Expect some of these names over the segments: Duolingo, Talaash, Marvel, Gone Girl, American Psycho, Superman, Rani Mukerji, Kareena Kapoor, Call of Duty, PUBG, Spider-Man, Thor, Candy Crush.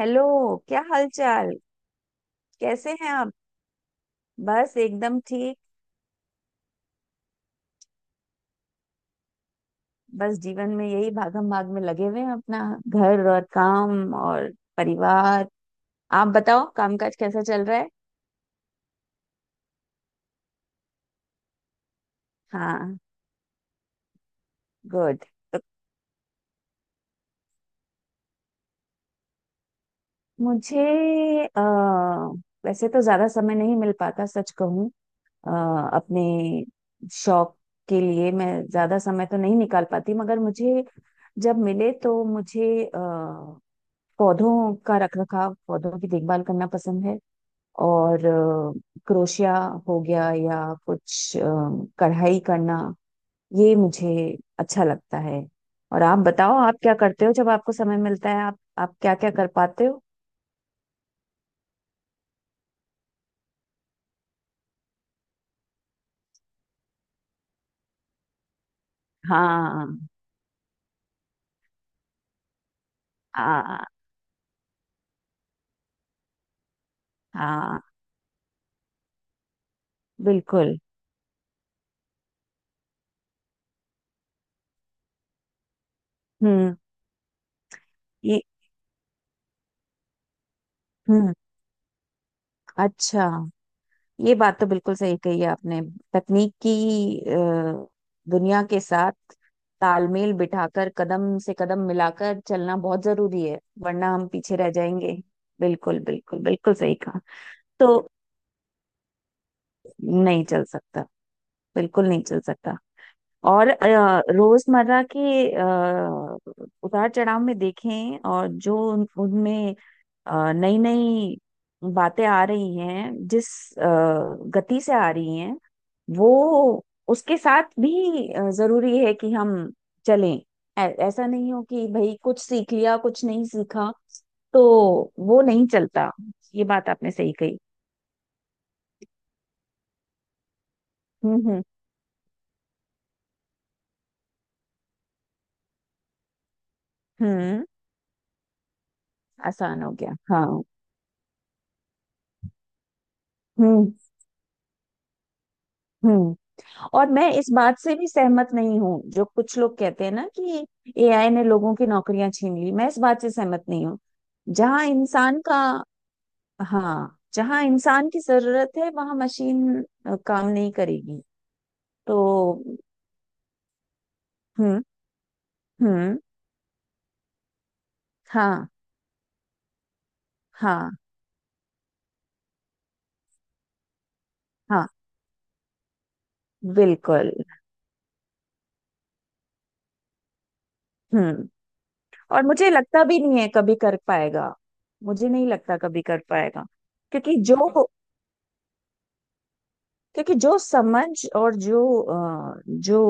Hello. क्या हालचाल। कैसे हैं आप। बस एकदम ठीक। बस जीवन में यही भागम भाग में लगे हुए हैं अपना घर और काम और परिवार। आप बताओ कामकाज कैसा चल रहा है। हाँ। गुड। तो मुझे अ, वैसे तो ज्यादा समय नहीं मिल पाता सच कहूँ। अ, अपने शौक के लिए मैं ज्यादा समय तो नहीं निकाल पाती मगर मुझे जब मिले तो मुझे पौधों का रख रखाव, पौधों की देखभाल करना पसंद है। और क्रोशिया हो गया या कुछ कढ़ाई करना, ये मुझे अच्छा लगता है। और आप बताओ आप क्या करते हो जब आपको समय मिलता है, आप क्या क्या कर पाते हो। हाँ हाँ हाँ। बिल्कुल। हम्म। ये। हम्म। अच्छा। ये बात तो बिल्कुल सही कही है आपने। तकनीक की अ, दुनिया के साथ तालमेल बिठाकर कदम से कदम मिलाकर चलना बहुत जरूरी है वरना हम पीछे रह जाएंगे। बिल्कुल बिल्कुल बिल्कुल सही कहा। तो नहीं चल सकता। बिल्कुल नहीं चल सकता। और रोजमर्रा के अ, उतार चढ़ाव में देखें, और जो उनमें नई नई बातें आ रही हैं, जिस अ, गति से आ रही हैं, वो उसके साथ भी जरूरी है कि हम चलें। ऐसा नहीं हो कि भाई कुछ सीख लिया कुछ नहीं सीखा, तो वो नहीं चलता। ये बात आपने सही कही। हम्म हम्म हम्म। आसान हो गया, हाँ। हम्म हम्म। और मैं इस बात से भी सहमत नहीं हूँ जो कुछ लोग कहते हैं ना कि एआई ने लोगों की नौकरियां छीन ली। मैं इस बात से सहमत नहीं हूँ। जहाँ इंसान का, हाँ, जहाँ इंसान की जरूरत है वहां मशीन काम नहीं करेगी। तो। हम्म हम्म। हाँ हाँ हाँ। बिल्कुल। हम्म। और मुझे लगता भी नहीं है कभी कर पाएगा। मुझे नहीं लगता कभी कर पाएगा। क्योंकि जो क्योंकि जो समझ और जो जो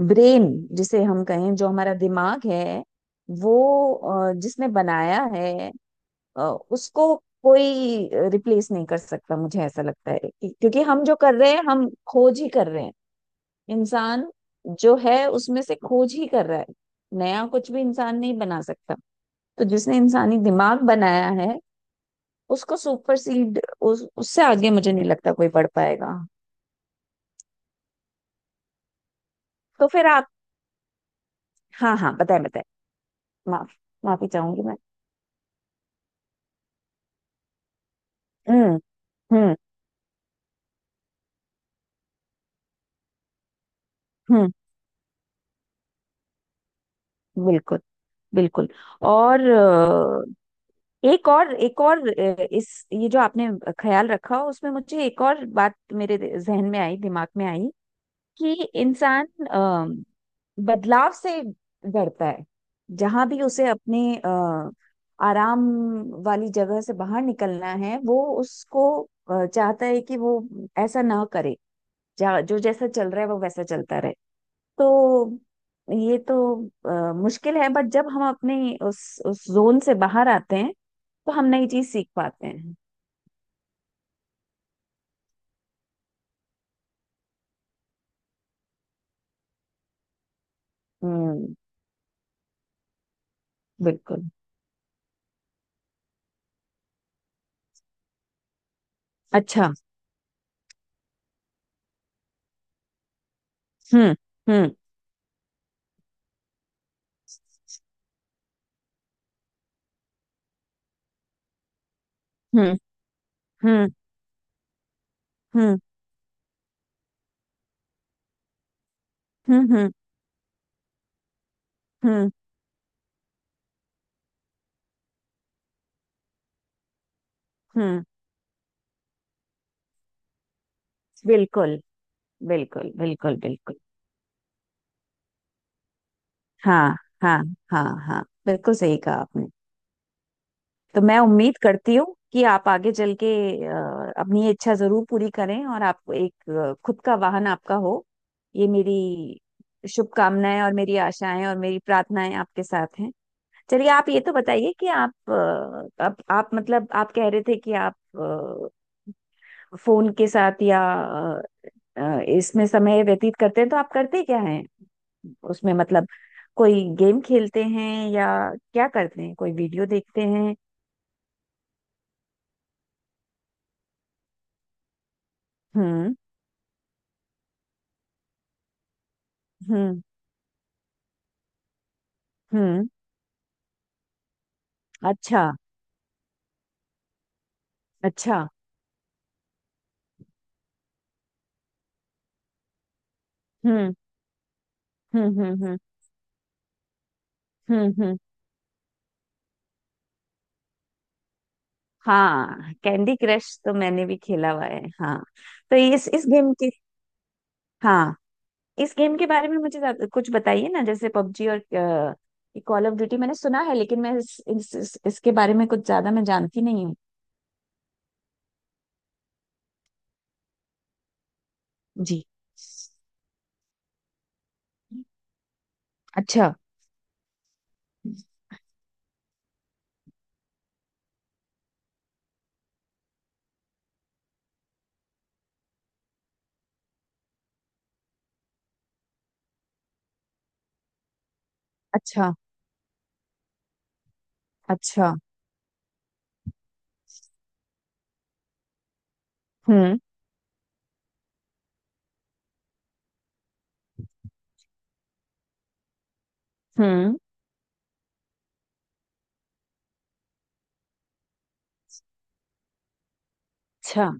ब्रेन, जिसे हम कहें जो हमारा दिमाग है, वो जिसने बनाया है अ, उसको कोई रिप्लेस नहीं कर सकता, मुझे ऐसा लगता है। कि- क्योंकि हम जो कर रहे हैं, हम खोज ही कर रहे हैं। इंसान जो है उसमें से खोज ही कर रहा है। नया कुछ भी इंसान नहीं बना सकता। तो जिसने इंसानी दिमाग बनाया है उसको सुपरसीड, उससे आगे मुझे नहीं लगता कोई बढ़ पाएगा। तो फिर आप। हाँ हाँ, बताए बताए। माफ माफी चाहूंगी मैं। हम्म हम्म हम्म। बिल्कुल बिल्कुल। और एक और इस ये जो आपने ख्याल रखा, उसमें मुझे एक और बात मेरे जहन में आई, दिमाग में आई। कि इंसान अ, बदलाव से डरता है। जहां भी उसे अपने आराम वाली जगह से बाहर निकलना है, वो उसको चाहता है कि वो ऐसा ना करे। जो जैसा चल रहा है वो वैसा चलता रहे। तो ये तो मुश्किल है, बट जब हम अपने उस जोन से बाहर आते हैं तो हम नई चीज सीख पाते हैं। हम्म। बिल्कुल। अच्छा। हम्म हम्म हम्म हम्म हम्म हम्म हम्म हम्म हम्म, बिल्कुल बिल्कुल बिल्कुल बिल्कुल। हाँ हाँ हाँ हाँ बिल्कुल सही कहा आपने। तो मैं उम्मीद करती हूँ कि आप आगे चल के अपनी ये इच्छा जरूर पूरी करें और आप एक खुद का वाहन आपका हो। ये मेरी शुभकामनाएं और मेरी आशाएं और मेरी प्रार्थनाएं आपके साथ हैं। चलिए आप ये तो बताइए कि आप मतलब आप कह रहे थे कि आप फोन के साथ या इसमें समय व्यतीत करते हैं, तो आप करते क्या हैं। उसमें मतलब कोई गेम खेलते हैं या क्या करते हैं, कोई वीडियो देखते हैं। हम्म हम्म हम्म। अच्छा। अच्छा। हम्म हम्म हम्म हम्म हम्म। हाँ। कैंडी क्रश तो मैंने भी खेला हुआ है, हाँ। तो इस गेम के, हाँ, इस गेम के बारे में मुझे ज्यादा- कुछ बताइए ना। जैसे पबजी और कॉल ऑफ ड्यूटी मैंने सुना है, लेकिन मैं इसके बारे में कुछ ज्यादा मैं जानती नहीं हूँ। जी। अच्छा। अच्छा। अच्छा। हम्म हम्म। अच्छा।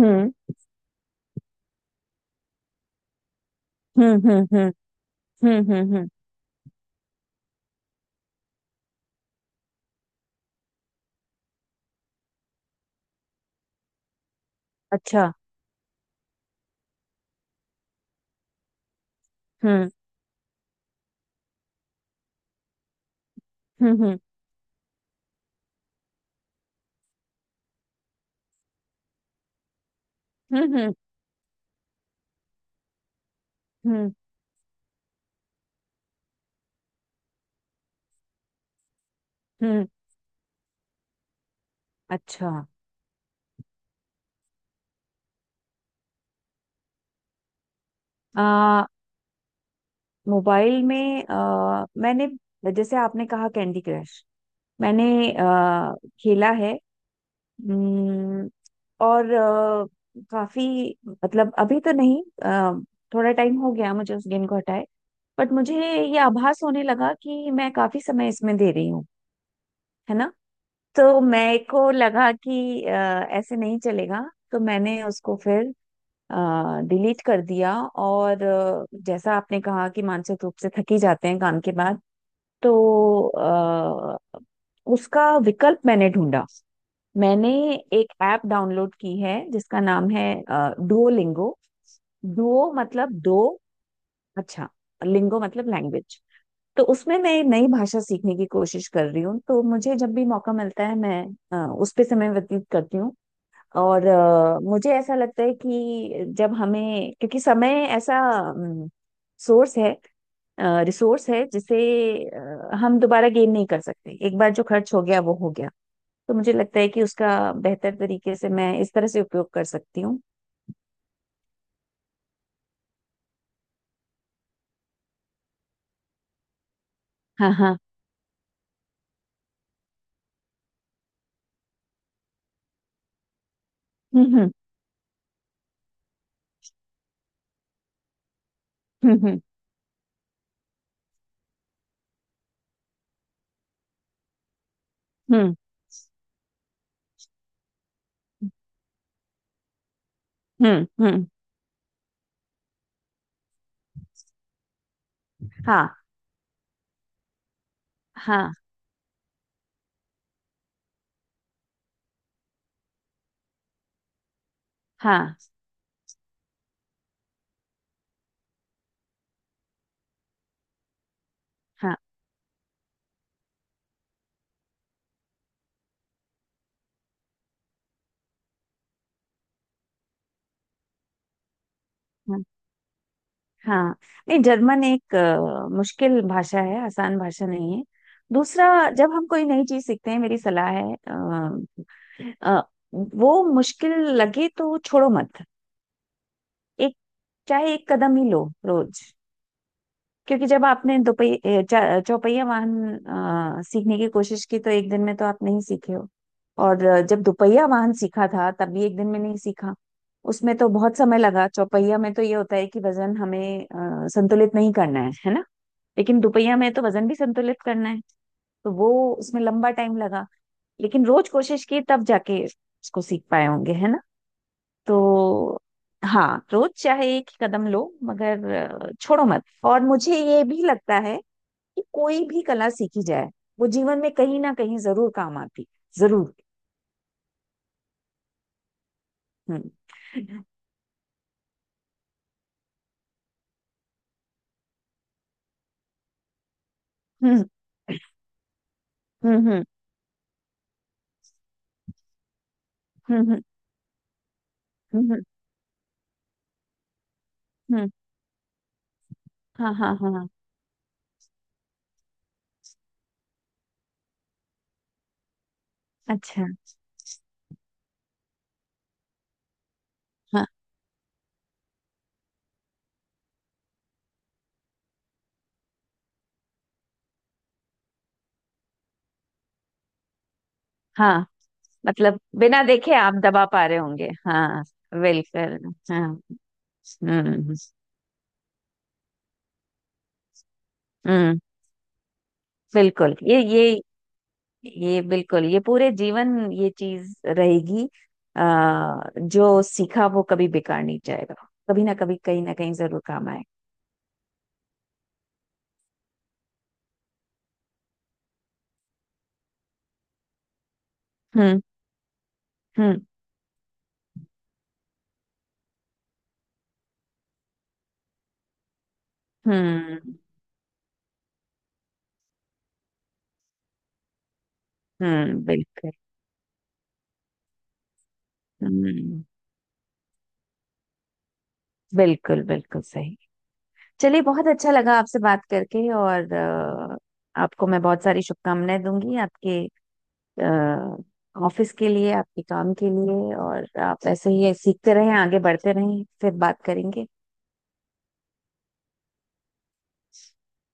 हम्म हम्म हम्म हम्म हम्म हम्म हम्म, अच्छा। हम्म हम्म हम्म हम्म हम्म हम्म हम्म, अच्छा। आ, मोबाइल में मैंने, जैसे आपने कहा, कैंडी क्रश मैंने आ, खेला है। हम्म। और काफी, मतलब अभी तो नहीं, थोड़ा टाइम हो गया मुझे उस गेम को हटाए। बट मुझे ये आभास होने लगा कि मैं काफी समय इसमें दे रही हूँ, है ना। तो मेरे को लगा कि ऐसे नहीं चलेगा, तो मैंने उसको फिर डिलीट कर दिया। और जैसा आपने कहा कि मानसिक रूप से थक ही जाते हैं काम के बाद, तो अ, उसका विकल्प मैंने ढूंढा। मैंने एक ऐप डाउनलोड की है जिसका नाम है डुओलिंगो। डुओ मतलब दो। अच्छा। लिंगो मतलब लैंग्वेज। तो उसमें मैं एक नई भाषा सीखने की कोशिश कर रही हूँ, तो मुझे जब भी मौका मिलता है मैं उस पे समय व्यतीत करती हूँ। और मुझे ऐसा लगता है कि जब हमें, क्योंकि समय ऐसा सोर्स है रिसोर्स है जिसे हम दोबारा गेन नहीं कर सकते। एक बार जो खर्च हो गया वो हो गया। तो मुझे लगता है कि उसका बेहतर तरीके से मैं इस तरह से उपयोग कर सकती हूँ। हाँ हाँ। हम्म हम्म हम्म हम्म हम्म हम्म हम्म, हाँ हाँ हाँ हाँ हाँ। नहीं, जर्मन एक मुश्किल भाषा है, आसान भाषा नहीं है। दूसरा, जब हम कोई नई चीज सीखते हैं मेरी सलाह है अ, वो मुश्किल लगे तो छोड़ो मत। एक, चाहे एक कदम ही लो रोज। क्योंकि जब आपने दोपहिया चौपहिया वाहन सीखने की कोशिश की तो एक दिन में तो आप नहीं सीखे हो। और जब दुपहिया वाहन सीखा था तब भी एक दिन में नहीं सीखा। उसमें तो बहुत समय लगा। चौपहिया में तो ये होता है कि वजन हमें संतुलित नहीं करना है ना। लेकिन दुपहिया में तो वजन भी संतुलित करना है। तो वो, उसमें लंबा टाइम लगा, लेकिन रोज कोशिश की तब जाके उसको सीख पाए होंगे, है ना। तो हाँ, रोज चाहे एक ही कदम लो मगर छोड़ो मत। और मुझे ये भी लगता है कि कोई भी कला सीखी जाए, वो जीवन में कहीं ना कहीं जरूर काम आती। जरूर। हम्म हम्म हम्म हम्म हम्म हम्म हम्म हम्म, हाँ हाँ हाँ हाँ। अच्छा। हाँ हाँ। मतलब बिना देखे आप दबा पा रहे होंगे, हाँ। बिल्कुल, हाँ। हम्म हम्म। बिल्कुल। ये ये बिल्कुल, ये पूरे जीवन ये चीज रहेगी। जो सीखा वो कभी बेकार नहीं जाएगा। कभी ना कभी, कहीं ना कहीं जरूर काम आए। हम्म हम्म हम्म हम्म। बिल्कुल। हम्म। बिल्कुल बिल्कुल सही। चलिए, बहुत अच्छा लगा आपसे बात करके। और आपको मैं बहुत सारी शुभकामनाएं दूंगी आपके ऑफिस के लिए, आपके काम के लिए। और आप ऐसे ही सीखते रहें, आगे बढ़ते रहें। फिर बात करेंगे।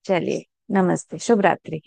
चलिए, नमस्ते, शुभ रात्रि।